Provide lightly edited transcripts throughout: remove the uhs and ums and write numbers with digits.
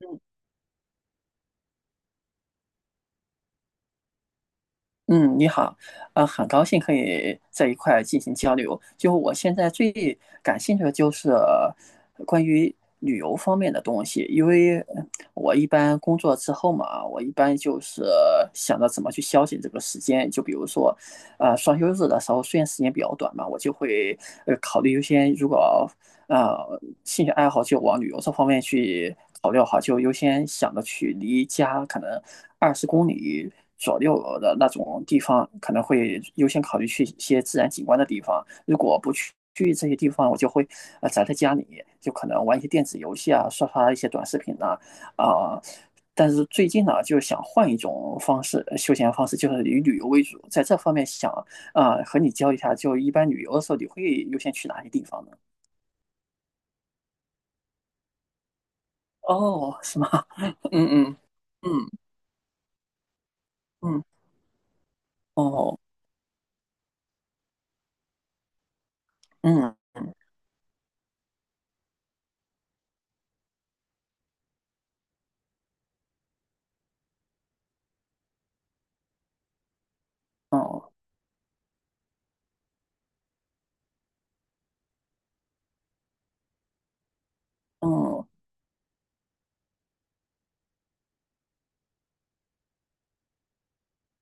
嗯。嗯,你好。很高兴可以在一块儿进行交流。就我现在最感兴趣的就是关于旅游方面的东西，因为我一般工作之后嘛，我一般就是想着怎么去消遣这个时间。就比如说，双休日的时候，虽然时间比较短嘛，我就会考虑优先。如果兴趣爱好就往旅游这方面去考虑的话，就优先想着去离家可能20公里左右的那种地方，可能会优先考虑去一些自然景观的地方。如果不去这些地方，我就会宅在家里，就可能玩一些电子游戏啊，刷刷一些短视频呐、啊，但是最近呢，就是想换一种方式，休闲方式，就是以旅游为主。在这方面想，和你交流一下，就一般旅游的时候，你会优先去哪些地方呢？哦，是吗？嗯嗯嗯嗯，哦，嗯嗯，哦，嗯。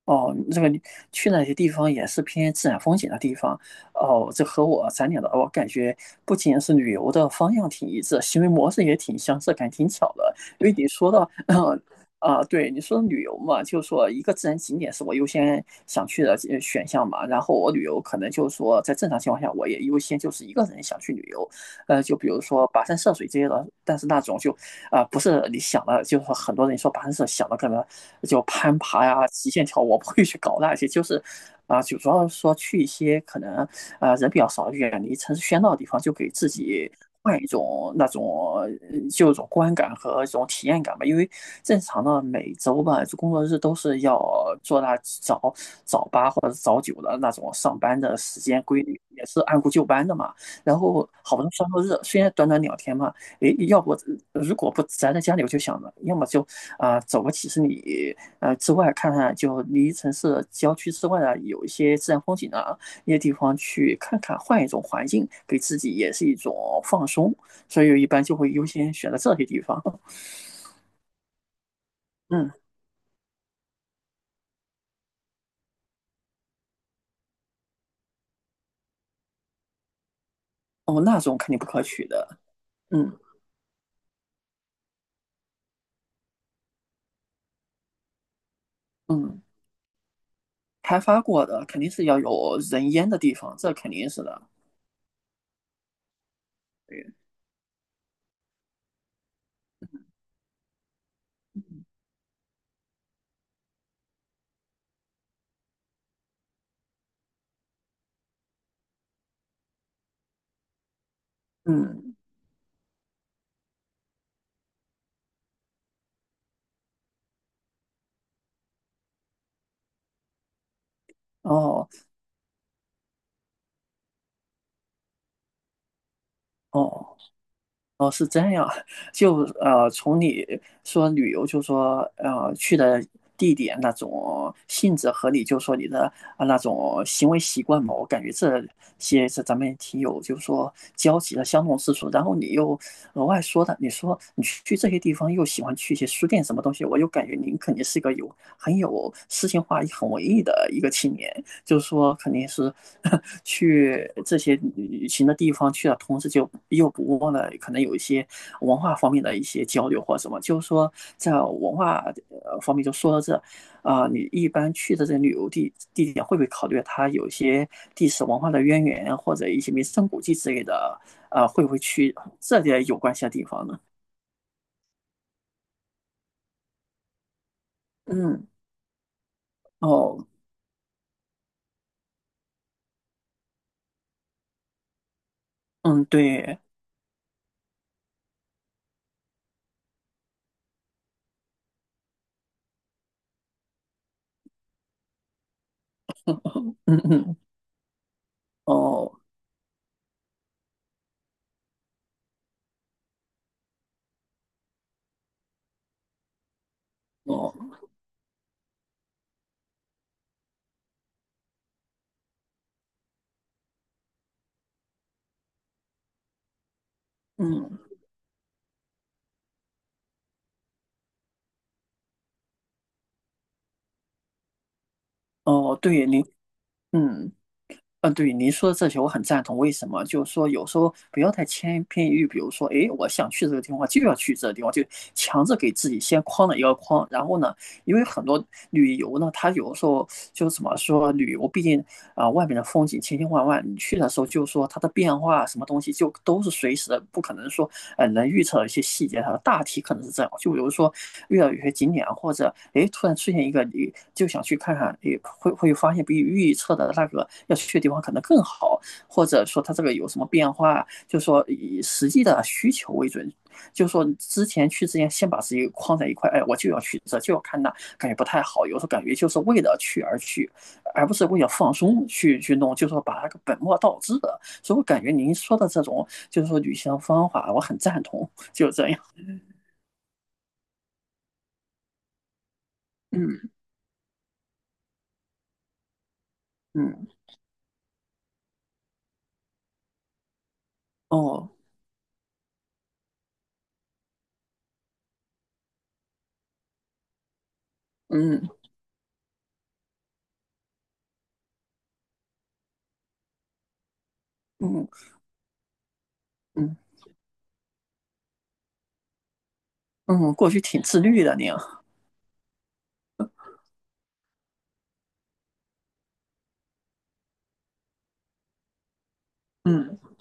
哦，这个去那些地方也是偏自然风景的地方。哦，这和我咱俩的我感觉不仅是旅游的方向挺一致，行为模式也挺相似，感觉挺巧的。因为你说到，啊，对，你说旅游嘛，就是说一个自然景点是我优先想去的选项嘛。然后我旅游可能就是说在正常情况下，我也优先就是一个人想去旅游，就比如说跋山涉水这些的。但是那种就不是你想的，就是说很多人说攀石想的可能就攀爬呀、极限跳，我不会去搞那些，就是就主要是说去一些可能人比较少、远离城市喧闹的地方，就给自己换一种那种呃就一种观感和一种体验感吧。因为正常的每周吧，就工作日都是要做那早八或者早9的那种上班的时间规律，也是按部就班的嘛。然后好不容易双休日，虽然短短2天嘛，诶，要不如果不宅在家里，我就想着，要么就走个几十里之外，看看就离城市郊区之外啊，有一些自然风景啊，一些地方去看看，换一种环境，给自己也是一种放松。所以一般就会优先选择这些地方。嗯，哦，那种肯定不可取的。嗯嗯，开发过的肯定是要有人烟的地方，这肯定是的。对，嗯，哦哦。哦，是这样，就从你说旅游，就说去的地点那种性质和你就说你的那种行为习惯嘛，我感觉这些是咱们也挺有就是说交集的相同之处。然后你又额外说的，你说你去这些地方又喜欢去一些书店什么东西，我又感觉您肯定是一个有很有诗情画意、很文艺的一个青年。就是说肯定是 去这些旅行的地方去了，同时就又不忘了可能有一些文化方面的一些交流或什么。就是说在文化方面就说到这，你一般去的这旅游地地点会不会考虑它有一些历史文化的渊源或者一些名胜古迹之类的？会不会去这些有关系的地方呢？嗯，哦，嗯，对，嗯嗯，哦哦，嗯，哦，对，您，嗯。嗯，对，您说的这些我很赞同。为什么？就是说，有时候不要太千篇一律。比如说，诶，我想去这个地方，就要去这个地方，就强制给自己先框了一个框。然后呢，因为很多旅游呢，它有时候就怎么说，旅游毕竟啊、外面的风景千千万万，你去的时候就说它的变化什么东西就都是随时的，不可能说能预测一些细节，它的大体可能是这样。就比如说遇到有些景点或者哎突然出现一个你就想去看看，你会会发现比预测的那个要去的地方可能更好，或者说它这个有什么变化，就是说以实际的需求为准。就是说之前去之前，先把自己框在一块，哎，我就要去这，就要看那，感觉不太好。有时候感觉就是为了去而去，而不是为了放松去弄，就是说把那个本末倒置的。所以我感觉您说的这种就是说旅行的方法，我很赞同，就这样。嗯嗯，哦，嗯嗯嗯嗯，过去挺自律的您啊。嗯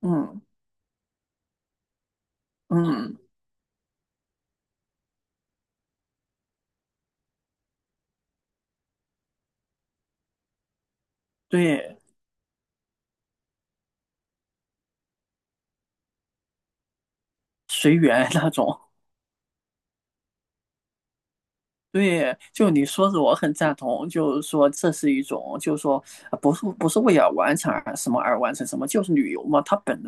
嗯嗯，对，随缘那种。对，就你说的，我很赞同。就是说，这是一种，就是说，不是不是为了完成而什么而完成什么，就是旅游嘛。它本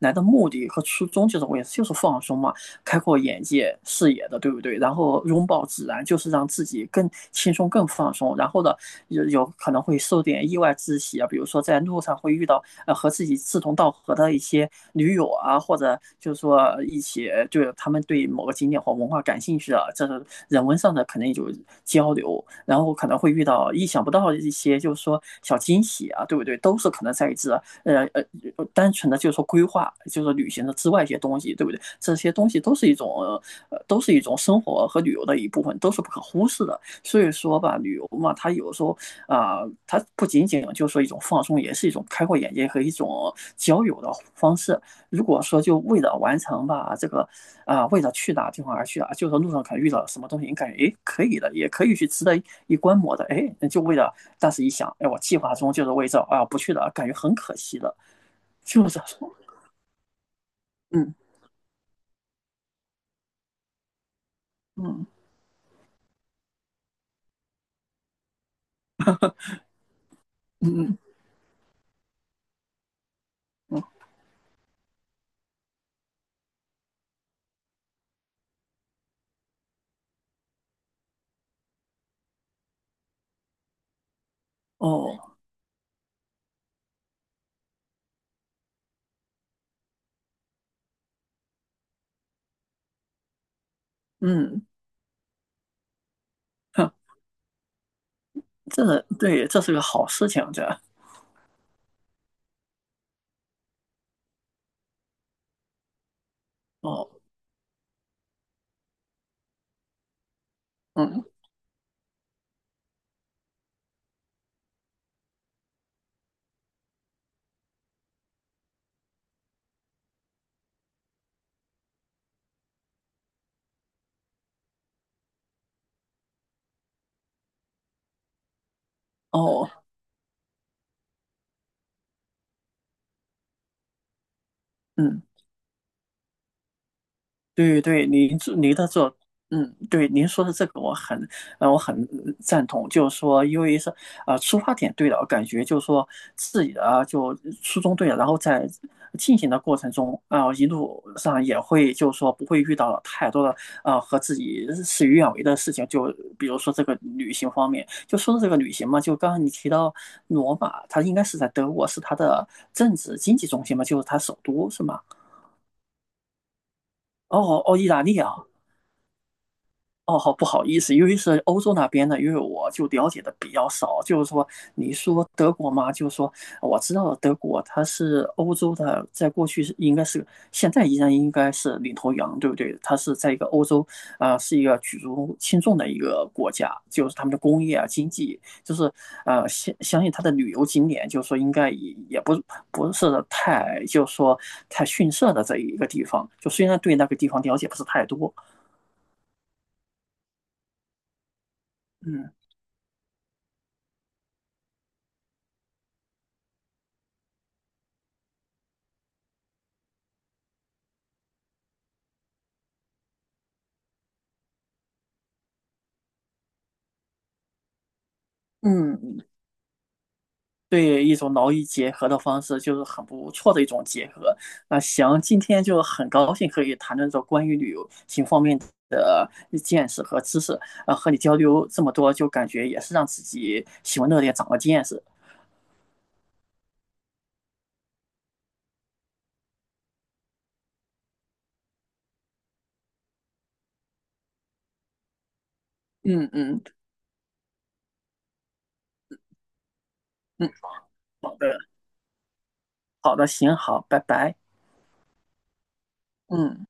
来的目的和初衷就是为，就是放松嘛，开阔眼界、视野的，对不对？然后拥抱自然，就是让自己更轻松、更放松。然后呢，有有可能会受点意外之喜啊，比如说在路上会遇到和自己志同道合的一些驴友啊，或者就是说一起就是他们对某个景点或文化感兴趣的，这是人文上的可能有交流，然后可能会遇到意想不到的一些就是说小惊喜啊，对不对？都是可能在这呃呃单纯的就是说规划就是旅行的之外一些东西，对不对？这些东西都是一种都是一种生活和旅游的一部分，都是不可忽视的。所以说吧，旅游嘛，它有时候它不仅仅就是说一种放松，也是一种开阔眼界和一种交友的方式。如果说就为了完成吧，这个为了去哪地方而去啊，就是路上可能遇到什么东西，你感觉诶可以的，也可以去值得一观摩的。诶，那就为了，但是一想，哎，我计划中就是为这，啊，不去了，感觉很可惜的，就是这种。嗯嗯嗯嗯嗯，哦，嗯，哼，这对，这是个好事情，这，哦，嗯。哦，嗯，对对，您这您的这，嗯，对，您说的这个我很赞同，就是说，因为是，出发点对了，感觉就是说自己的就初衷对了，然后在进行的过程中，一路上也会就是说不会遇到太多的和自己事与愿违的事情。就比如说这个旅行方面，就说到这个旅行嘛，就刚刚你提到罗马，它应该是在德国，是它的政治经济中心嘛，就是它首都，是吗？哦哦，意大利啊。哦，好不好意思，因为是欧洲那边的，因为我就了解的比较少。就是说，你说德国嘛，就是说我知道德国它是欧洲的，在过去是应该是，现在依然应该是领头羊，对不对？它是在一个欧洲，啊，是一个举足轻重的一个国家，就是他们的工业啊、经济，就是相信它的旅游景点，就是说应该也不是太，就是说太逊色的这一个地方。就虽然对那个地方了解不是太多。嗯嗯，对，一种劳逸结合的方式就是很不错的一种结合。那行，今天就很高兴可以谈论这关于旅游行方面的见识和知识，和你交流这么多，就感觉也是让自己喜闻乐见，长了见识。嗯嗯嗯，好的，好的，行，好，拜拜。嗯。